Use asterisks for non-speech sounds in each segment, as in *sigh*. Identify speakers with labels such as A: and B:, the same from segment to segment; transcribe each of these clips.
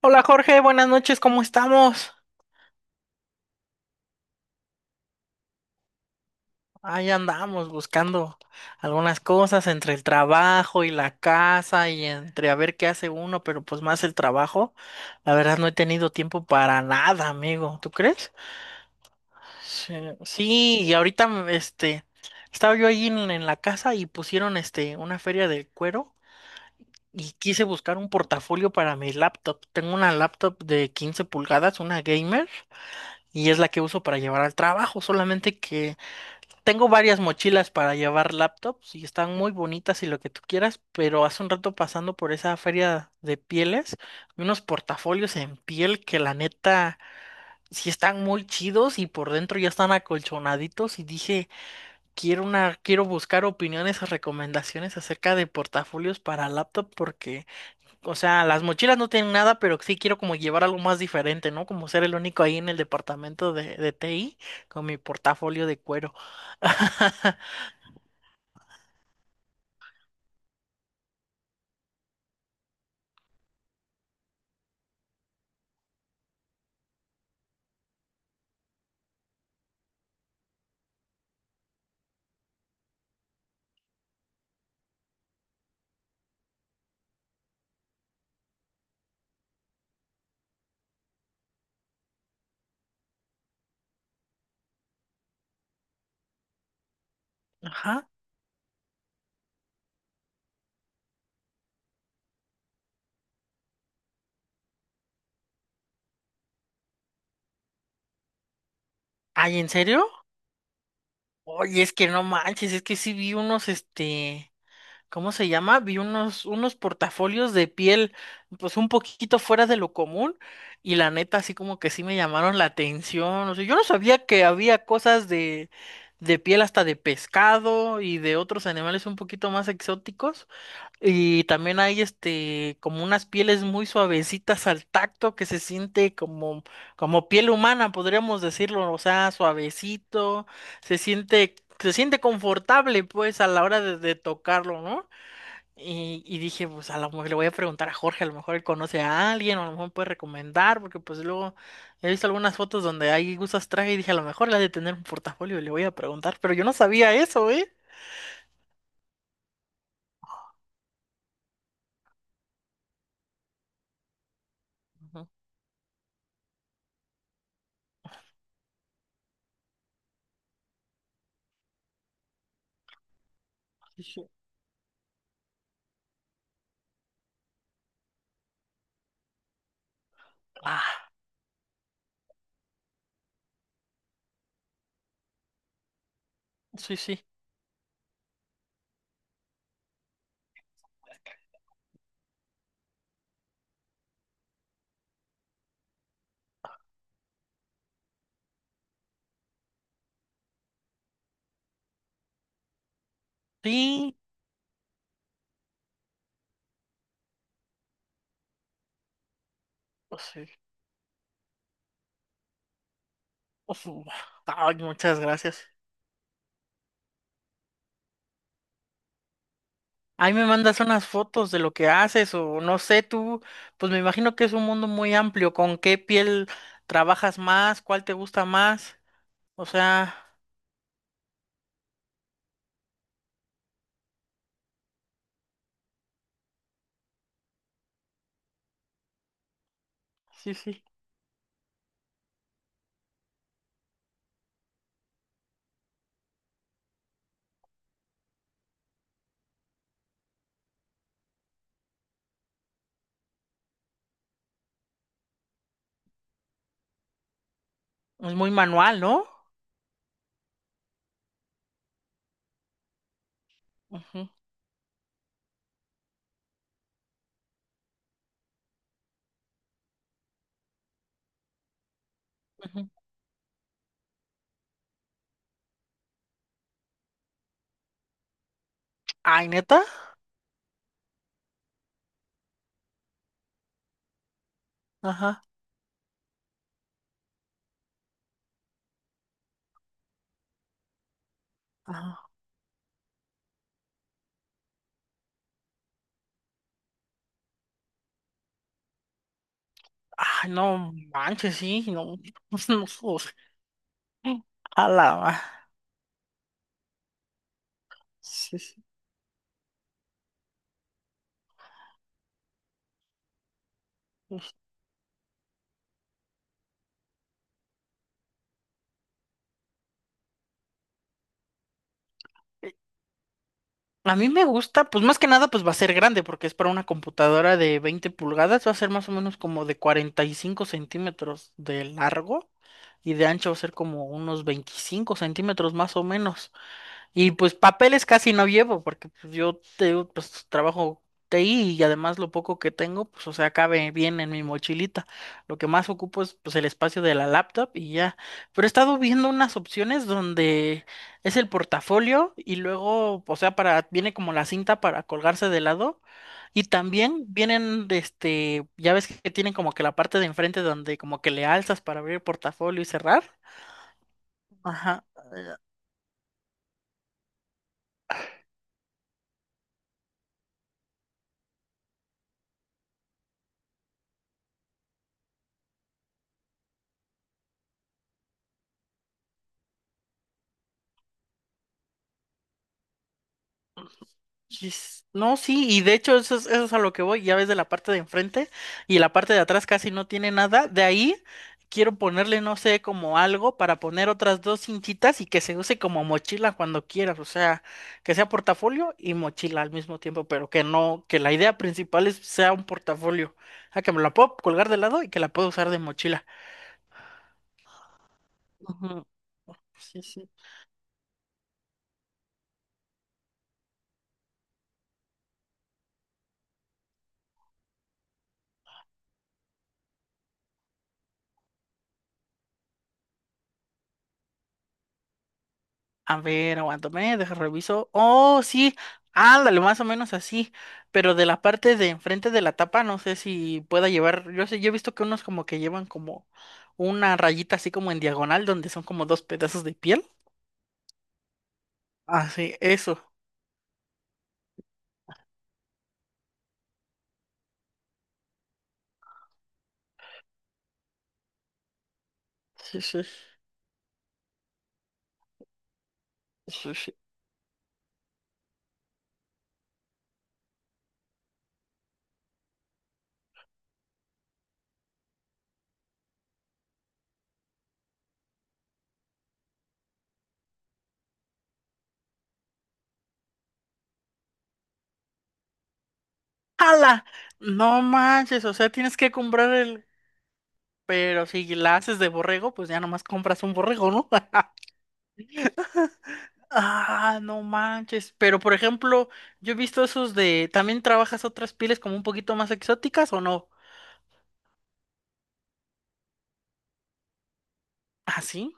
A: Hola Jorge, buenas noches, ¿cómo estamos? Ahí andamos buscando algunas cosas entre el trabajo y la casa y entre a ver qué hace uno, pero pues más el trabajo. La verdad no he tenido tiempo para nada, amigo, ¿tú crees? Sí, sí, y ahorita este estaba yo ahí en la casa y pusieron este una feria del cuero y quise buscar un portafolio para mi laptop. Tengo una laptop de 15 pulgadas, una gamer, y es la que uso para llevar al trabajo, solamente que tengo varias mochilas para llevar laptops y están muy bonitas y lo que tú quieras, pero hace un rato pasando por esa feria de pieles, vi unos portafolios en piel que la neta sí están muy chidos y por dentro ya están acolchonaditos y dije, quiero una, quiero buscar opiniones o recomendaciones acerca de portafolios para laptop porque, o sea, las mochilas no tienen nada, pero sí quiero como llevar algo más diferente, ¿no? Como ser el único ahí en el departamento de TI con mi portafolio de cuero. *laughs* Ajá. Ay, ¿en serio? Oye, es que no manches, es que sí vi unos, este, ¿cómo se llama? Vi unos portafolios de piel, pues un poquito fuera de lo común, y la neta, así como que sí me llamaron la atención. O sea, yo no sabía que había cosas de piel hasta de pescado y de otros animales un poquito más exóticos. Y también hay este como unas pieles muy suavecitas al tacto que se siente como piel humana, podríamos decirlo, o sea, suavecito, se siente, se siente confortable pues a la hora de tocarlo, ¿no? Y dije, pues a lo mejor le voy a preguntar a Jorge, a lo mejor él conoce a alguien, o a lo mejor puede recomendar, porque pues luego he visto algunas fotos donde hay gustas traje y dije, a lo mejor le ha de tener un portafolio y le voy a preguntar, pero yo no sabía eso, ¿eh? Ujú. Dije, ah, sí, sí. Sí, pues sí. Ujú. Ay, muchas gracias. Ahí me mandas unas fotos de lo que haces o no sé, tú, pues me imagino que es un mundo muy amplio. ¿Con qué piel trabajas más? ¿Cuál te gusta más? O sea, sí, sí. Es muy manual, ¿no? Ujú, ujú. Ay, neta. Ajá, ajá. Ay, no manches, sí, no. *laughs* No, o sea, a la ma- Sí, sí. A mí me gusta, pues más que nada, pues va a ser grande, porque es para una computadora de 20 pulgadas, va a ser más o menos como de 45 centímetros de largo y de ancho va a ser como unos 25 centímetros más o menos. Y pues papeles casi no llevo, porque pues, yo te digo, pues trabajo TI y además lo poco que tengo, pues o sea, cabe bien en mi mochilita. Lo que más ocupo es pues el espacio de la laptop y ya. Pero he estado viendo unas opciones donde es el portafolio y luego, o sea, para, viene como la cinta para colgarse de lado. Y también vienen, de este, ya ves que tienen como que la parte de enfrente donde como que le alzas para abrir el portafolio y cerrar. Ajá. Yes. No, sí, y de hecho eso es a lo que voy, ya ves de la parte de enfrente y la parte de atrás casi no tiene nada, de ahí quiero ponerle, no sé, como algo para poner otras dos cintitas y que se use como mochila cuando quieras, o sea, que sea portafolio y mochila al mismo tiempo, pero que no, que la idea principal es sea un portafolio, o sea, que me la puedo colgar de lado y que la puedo usar de mochila. Ujú, sí, sí. A ver, aguántame, deja reviso. Oh, sí, ándale, más o menos así. Pero de la parte de enfrente de la tapa, no sé si pueda llevar. Yo sé, yo he visto que unos como que llevan como una rayita así como en diagonal, donde son como dos pedazos de piel. Ah, sí, eso. Sí, sí, sí, sí. ¡Hala! No manches, o sea, tienes que comprar el. Pero si la haces de borrego, pues ya nomás compras un borrego, ¿no? *laughs* Ah, no manches. Pero por ejemplo, yo he visto esos de. ¿También trabajas otras pieles como un poquito más exóticas o no? ¿Ah, sí?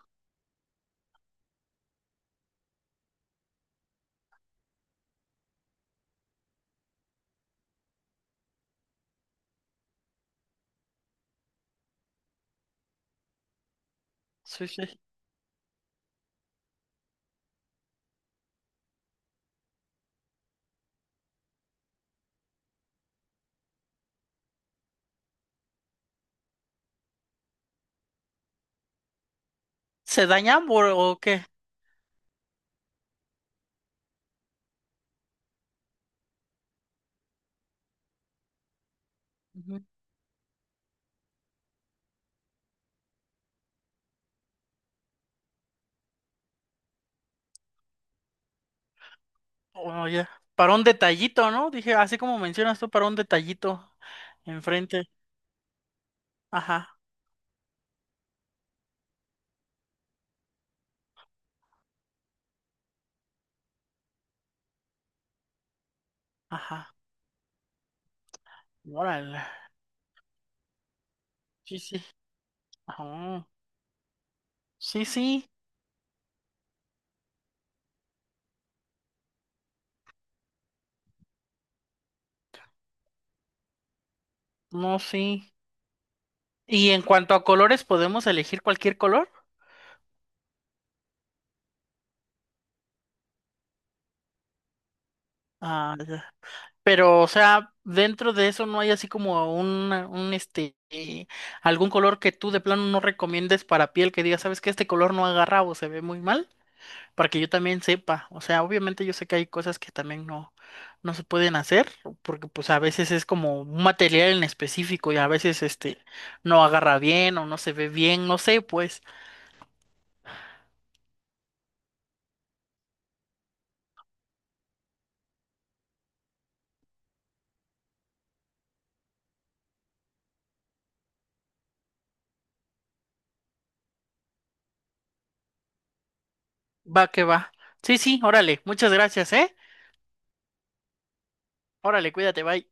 A: Sí, sí. ¿Se dañan por- o qué? Ujú. Oh, ya. Para un detallito, ¿no? Dije, así como mencionas tú, para un detallito enfrente. Ajá, ajá. Órale. Sí, sí. Ah, sí, sí. No, sí. Y en cuanto a colores, ¿podemos elegir cualquier color? Ah, ya. Pero, o sea, dentro de eso no hay así como un este, algún color que tú de plano no recomiendes para piel que diga sabes que este color no agarra o se ve muy mal, para que yo también sepa. O sea, obviamente yo sé que hay cosas que también no, no se pueden hacer, porque pues a veces es como un material en específico y a veces este no agarra bien o no se ve bien, no sé, pues, va que va. Sí, sí, órale, muchas gracias, ¿eh? Órale, cuídate, bye.